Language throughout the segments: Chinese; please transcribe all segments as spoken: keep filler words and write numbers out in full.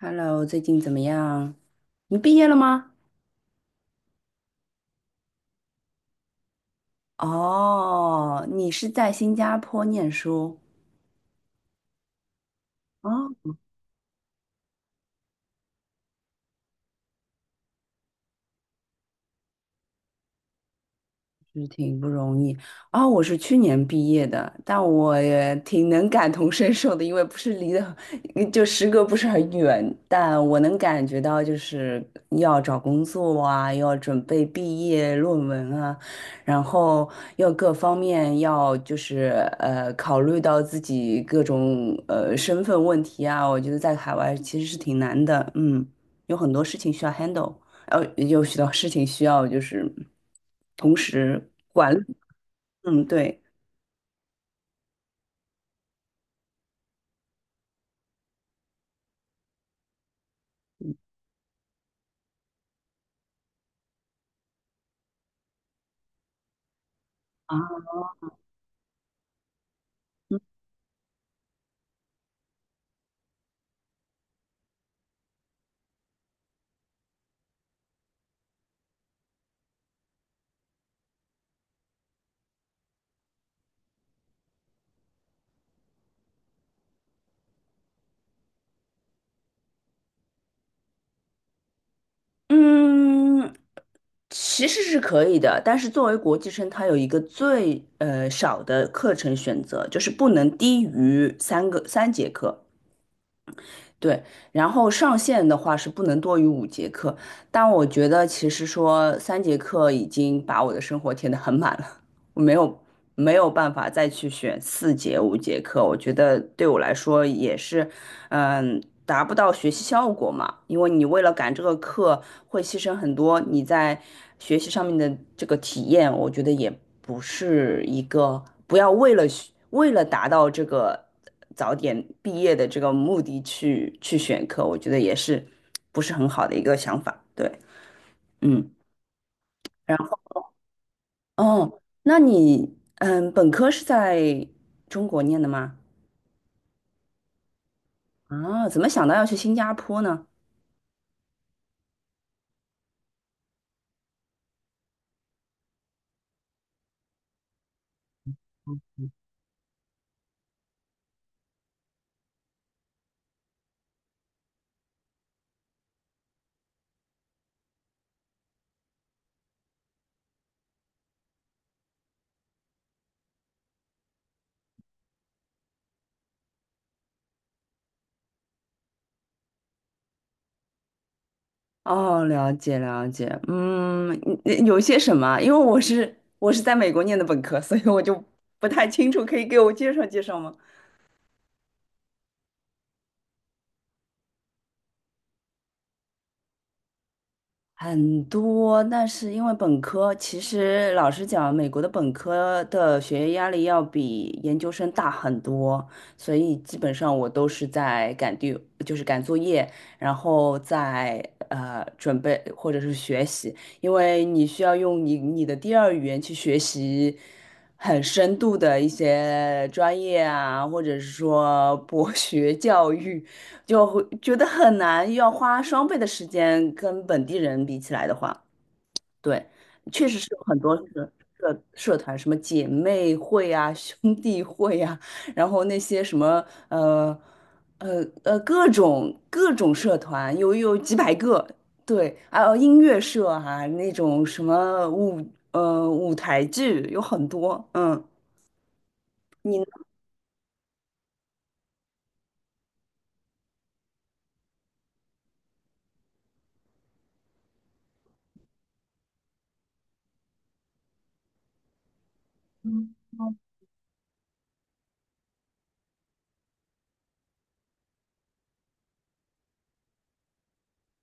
Hello，最近怎么样？你毕业了吗？哦，你是在新加坡念书哦，是挺不容易啊、我是去年毕业的，但我也挺能感同身受的，因为不是离的，就时隔不是很远，但我能感觉到就是要找工作啊，要准备毕业论文啊，然后要各方面要就是呃考虑到自己各种呃身份问题啊，我觉得在海外其实是挺难的，嗯，有很多事情需要 handle。呃，有许多事情需要就是同时管理。嗯，对。啊，嗯，其实是可以的，但是作为国际生，它有一个最呃少的课程选择，就是不能低于三个三节课。对，然后上限的话是不能多于五节课，但我觉得其实说三节课已经把我的生活填得很满了。我没有没有办法再去选四节五节课，我觉得对我来说也是，嗯，达不到学习效果嘛。因为你为了赶这个课，会牺牲很多你在学习上面的这个体验，我觉得也不是一个不要为了学为了达到这个早点毕业的这个目的去去选课，我觉得也是不是很好的一个想法。对，嗯。哦，那你嗯，本科是在中国念的吗？啊，怎么想到要去新加坡呢？哦，了解了解，嗯，你有些什么？因为我是我是在美国念的本科，所以我就不太清楚，可以给我介绍介绍吗？很多，但是因为本科，其实老实讲，美国的本科的学业压力要比研究生大很多，所以基本上我都是在赶 d 就是赶作业，然后在呃准备或者是学习，因为你需要用你你的第二语言去学习很深度的一些专业啊，或者是说博学教育。就会觉得很难，要花双倍的时间跟本地人比起来的话，对，确实是有很多社社社团，什么姐妹会啊、兄弟会啊，然后那些什么呃呃呃各种各种社团，有有几百个，对，还有音乐社啊，那种什么舞呃舞台剧有很多，嗯，你呢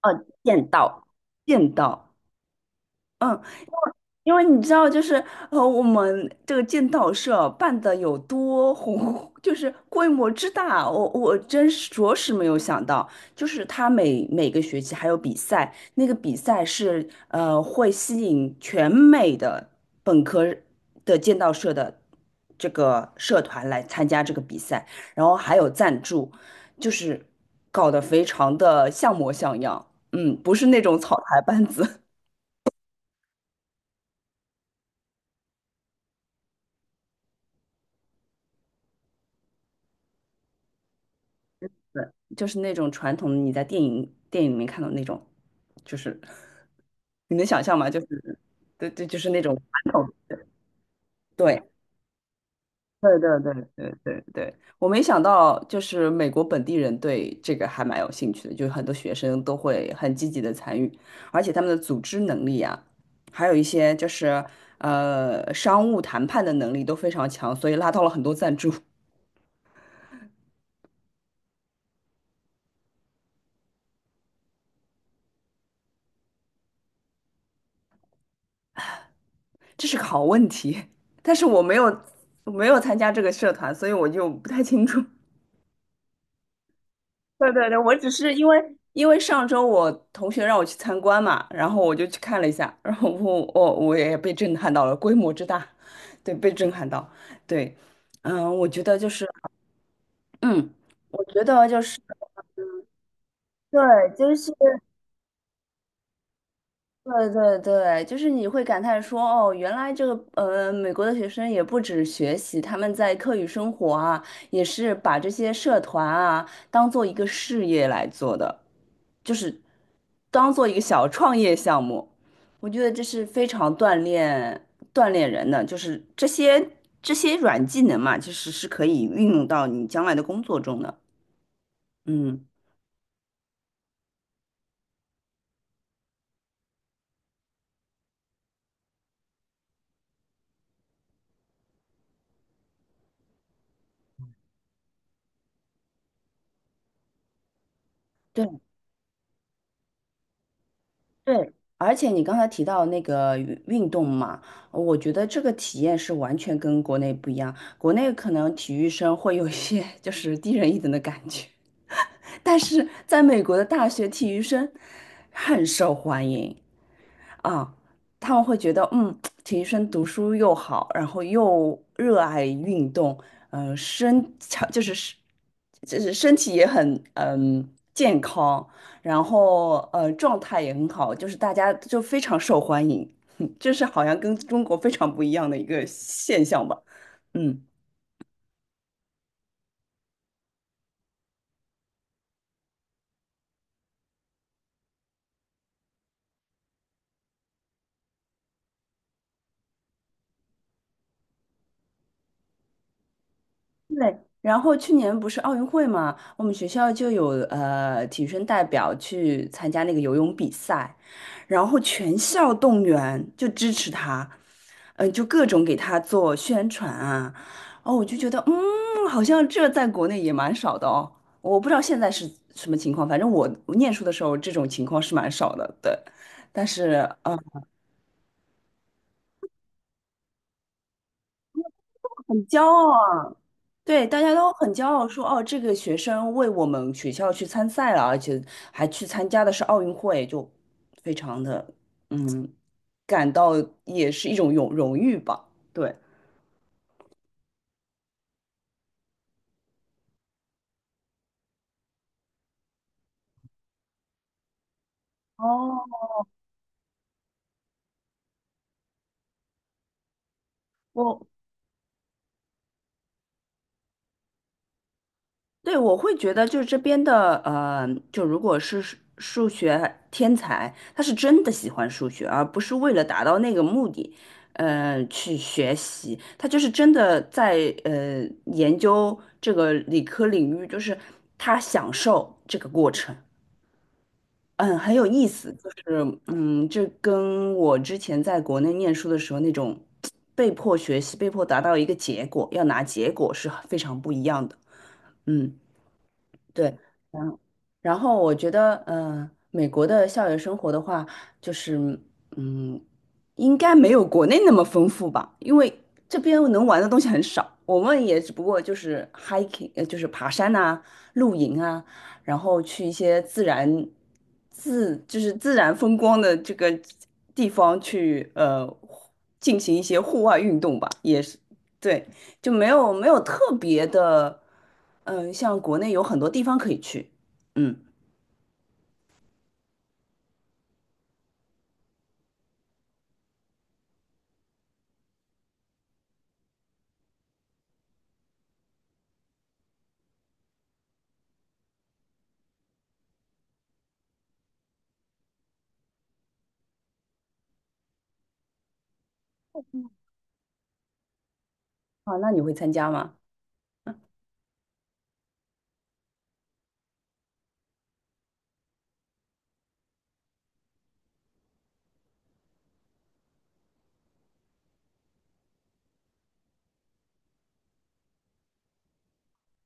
呃见到见到，嗯。因为你知道，就是呃，我们这个剑道社办的有多红，就是规模之大，我我真是着实没有想到，就是他每每个学期还有比赛，那个比赛是呃会吸引全美的本科的剑道社的这个社团来参加这个比赛，然后还有赞助，就是搞得非常的像模像样，嗯，不是那种草台班子。对，就是那种传统的你在电影电影里面看到那种，就是 你能想象吗？就是对对，就是那种传统的。对对对对对对对，我没想到，就是美国本地人对这个还蛮有兴趣的，就是很多学生都会很积极的参与，而且他们的组织能力啊，还有一些就是呃商务谈判的能力都非常强，所以拉到了很多赞助。这是个好问题，但是我没有我没有参加这个社团，所以我就不太清楚。对对对，我只是因为因为上周我同学让我去参观嘛，然后我就去看了一下，然后我我我也被震撼到了，规模之大，对，被震撼到，对，嗯，我觉得就是，嗯，我觉得就是。对，就是对对对，就是你会感叹说，哦，原来这个呃，美国的学生也不止学习，他们在课余生活啊，也是把这些社团啊当做一个事业来做的，就是当做一个小创业项目。我觉得这是非常锻炼锻炼人的，就是这些这些软技能嘛，其实是可以运用到你将来的工作中的。嗯，对。对，而且你刚才提到那个运运动嘛，我觉得这个体验是完全跟国内不一样。国内可能体育生会有一些 就是低人一等的感觉，但是在美国的大学体育生很受欢迎，啊，他们会觉得，嗯，体育生读书又好，然后又热爱运动，嗯，身强就是是就是身体也很嗯健康，然后呃状态也很好，就是大家就非常受欢迎，这是好像跟中国非常不一样的一个现象吧，嗯。对，然后去年不是奥运会嘛，我们学校就有呃体育生代表去参加那个游泳比赛，然后全校动员就支持他，嗯、就各种给他做宣传啊，哦，我就觉得嗯，好像这在国内也蛮少的哦，我不知道现在是什么情况，反正我我念书的时候这种情况是蛮少的，对，但是。很骄傲啊，对，大家都很骄傲说，哦，这个学生为我们学校去参赛了，而且还去参加的是奥运会，就非常的嗯，感到也是一种荣荣誉吧。对，我对，我会觉得就是这边的，呃，就如果是数数学天才，他是真的喜欢数学，而不是为了达到那个目的，呃，去学习，他就是真的在呃研究这个理科领域，就是他享受这个过程，嗯，很有意思，就是嗯，这跟我之前在国内念书的时候那种被迫学习、被迫达到一个结果，要拿结果是非常不一样的，嗯。对，然后然后我觉得，嗯、美国的校园生活的话，就是，嗯，应该没有国内那么丰富吧，因为这边能玩的东西很少，我们也只不过就是 hiking，呃，就是爬山呐、露营啊，然后去一些自然自就是自然风光的这个地方去，呃，进行一些户外运动吧，也是，对，就没有没有特别的。嗯，呃像国内有很多地方可以去，嗯，啊，那你会参加吗？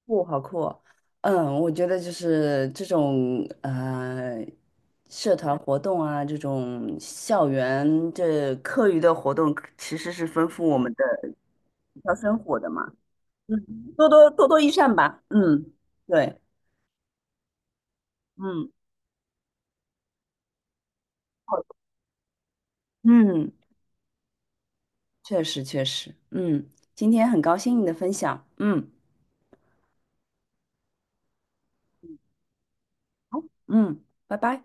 不，好酷哦嗯，我觉得就是这种呃，社团活动啊，这种校园这课余的活动，其实是丰富我们的学校生活的嘛，嗯，多多多多益善吧，嗯，对，嗯，好的嗯，确实确实，嗯，今天很高兴你的分享，嗯，好，嗯，拜拜。